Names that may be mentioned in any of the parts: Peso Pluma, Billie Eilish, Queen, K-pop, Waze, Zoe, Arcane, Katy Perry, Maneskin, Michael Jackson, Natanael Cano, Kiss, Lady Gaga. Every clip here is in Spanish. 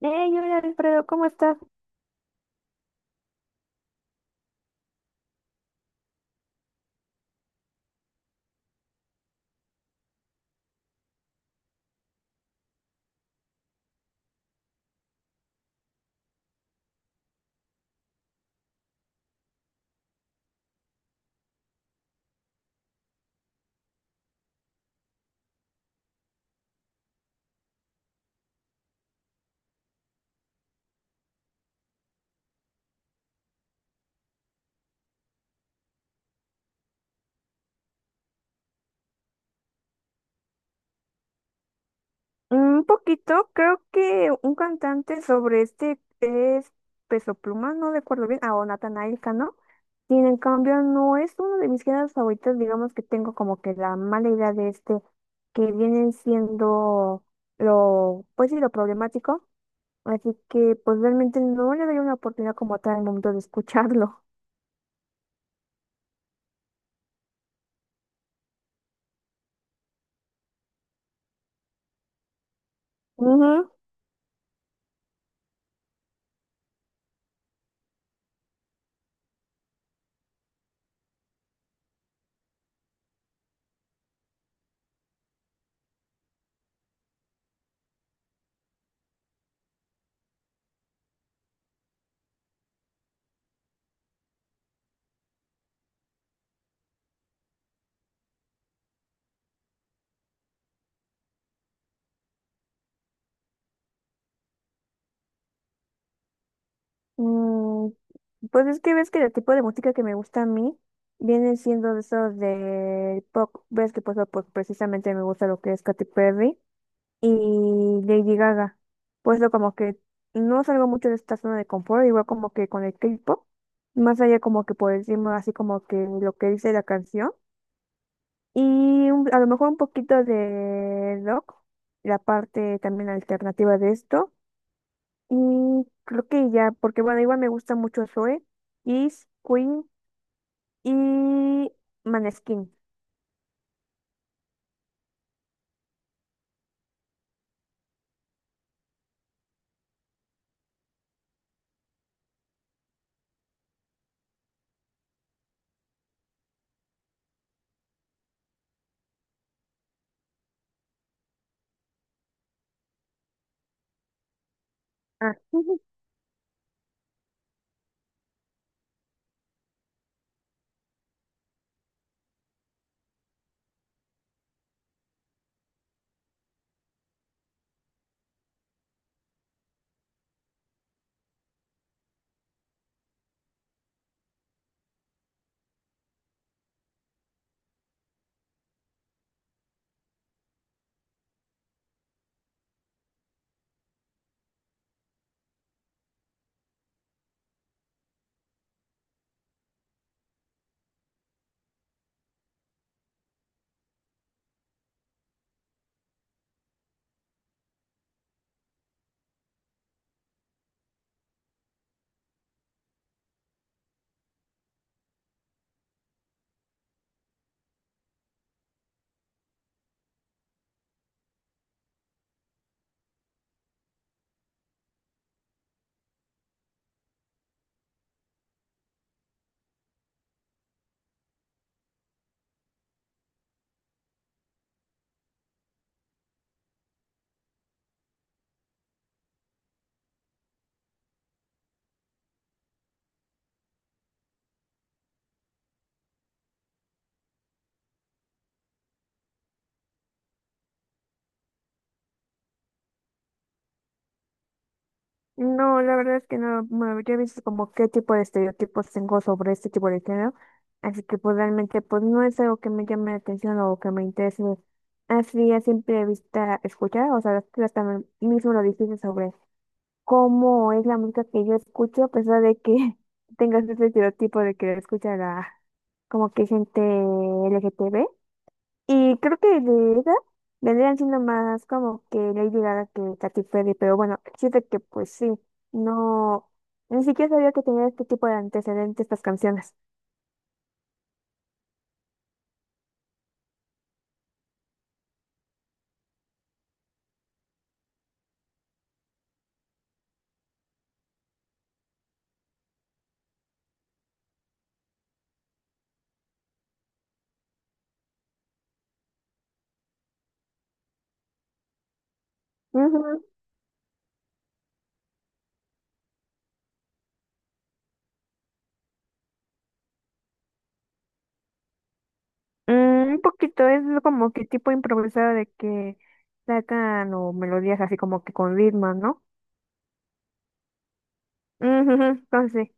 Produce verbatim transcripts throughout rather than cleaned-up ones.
Hey, hola Alfredo, ¿cómo estás? Un poquito, creo que un cantante sobre este es Peso Pluma, no recuerdo bien, ah, o Natanael Cano. Sin en cambio, no es uno de mis géneros favoritos, digamos que tengo como que la mala idea de este, que vienen siendo lo, pues sí, lo problemático. Así que pues realmente no le doy una oportunidad como tal al momento de escucharlo. Ujú. Mm, pues es que ves que el tipo de música que me gusta a mí viene siendo de esos de pop. Ves que pues, pues precisamente me gusta lo que es Katy Perry y Lady Gaga. Pues lo como que no salgo mucho de esta zona de confort, igual como que con el K-pop, más allá como que por encima así como que lo que dice la canción y un- a lo mejor un poquito de rock, la parte también alternativa de esto. Y creo que ya, porque bueno, igual me gusta mucho Zoe, Kiss, Queen y Maneskin. Ah, ujú. No, la verdad es que no me habría visto como qué tipo de estereotipos tengo sobre este tipo de género. Así que pues realmente pues no es algo que me llame la atención o que me interese así a simple vista escuchar. O sea, las también mismo lo difícil sobre cómo es la música que yo escucho, a pesar de que tengas ese estereotipo de que escucha la, como que gente L G T B. Y creo que de esa vendrían siendo más como que Lady Gaga que Katy Perry, pero bueno, siento que pues sí, no, ni siquiera sabía que tenía este tipo de antecedentes estas canciones. Ujú. Mm, un poquito, es como que tipo improvisado de que sacan o melodías así como que con ritmo, ¿no? Ujú, ujú. Entonces,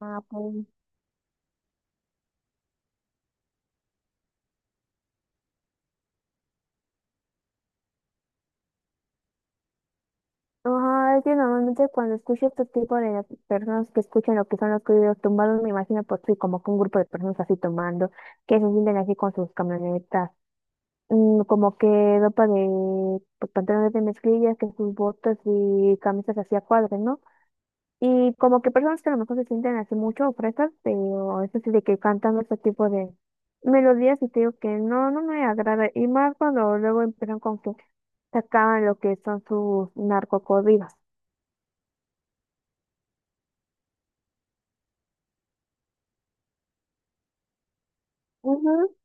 ah, pues. Ajá, es que normalmente cuando escucho este tipo de personas que escuchan lo que son los corridos tumbados, me imagino por sí, como que un grupo de personas así tomando, que se sienten así con sus camionetas, mm, como que ropa de pues, pantalones de mezclilla, que sus botas y camisas así a cuadros, ¿no? Y como que personas que a lo mejor se sienten así mucho fresas, pero eso sí de que cantan este tipo de melodías y te digo que no, no me agrada. Y más cuando luego empiezan con que sacaban lo que son sus narcocorridos. Ujú.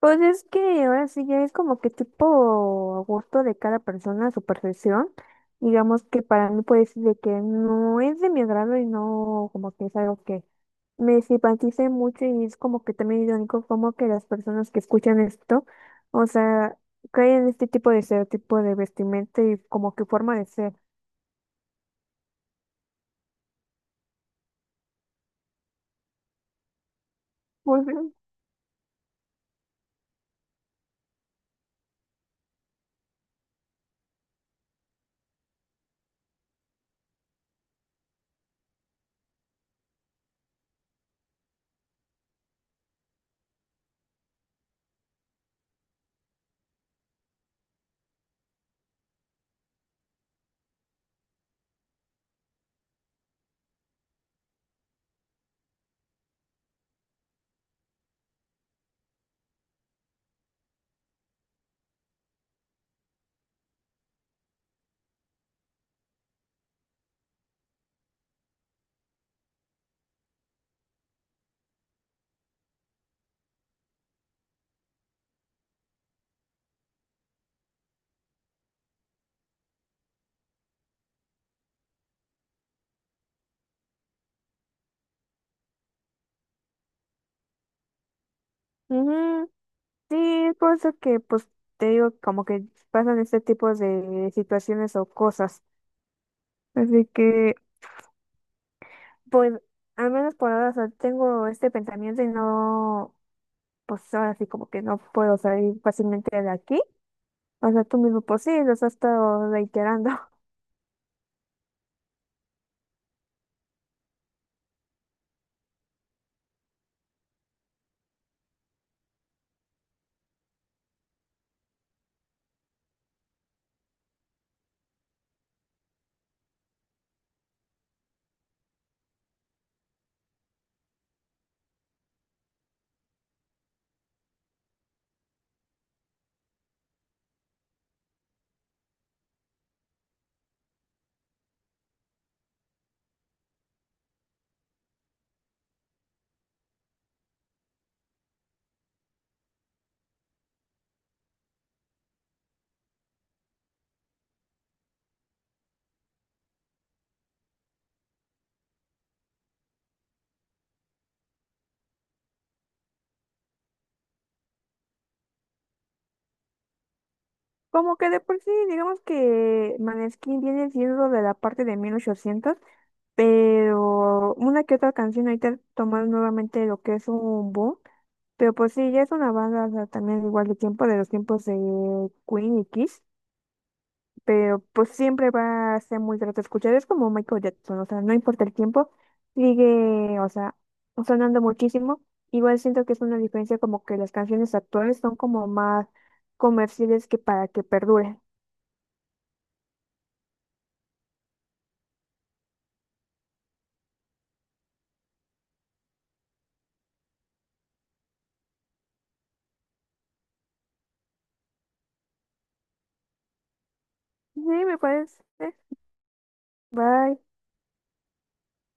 Pues es que ahora sí ya es como que tipo a gusto de cada persona, su percepción. Digamos que para mí puede decir de que no es de mi agrado y no como que es algo que me simpatice mucho y es como que también irónico como que las personas que escuchan esto, o sea, caen en este tipo de estereotipo de vestimenta y como que forma de ser. Ujú. Ujú, sí, es por eso que pues te digo como que pasan este tipo de situaciones o cosas. Así que pues al menos por ahora, o sea, tengo este pensamiento y no, pues ahora sí como que no puedo salir fácilmente de aquí. O sea, tú mismo, pues sí, los has estado reiterando. Como que de por sí, digamos que Maneskin viene siendo de la parte de mil ochocientos, pero una que otra canción ahorita tomar nuevamente lo que es un boom. Pero pues sí, ya es una banda, o sea, también igual de tiempo, de los tiempos de Queen y Kiss. Pero pues siempre va a ser muy grato escuchar. Es como Michael Jackson, o sea, no importa el tiempo, sigue, o sea, sonando muchísimo. Igual siento que es una diferencia como que las canciones actuales son como más comerciales que para que perduren. Sí, me parece. Bye.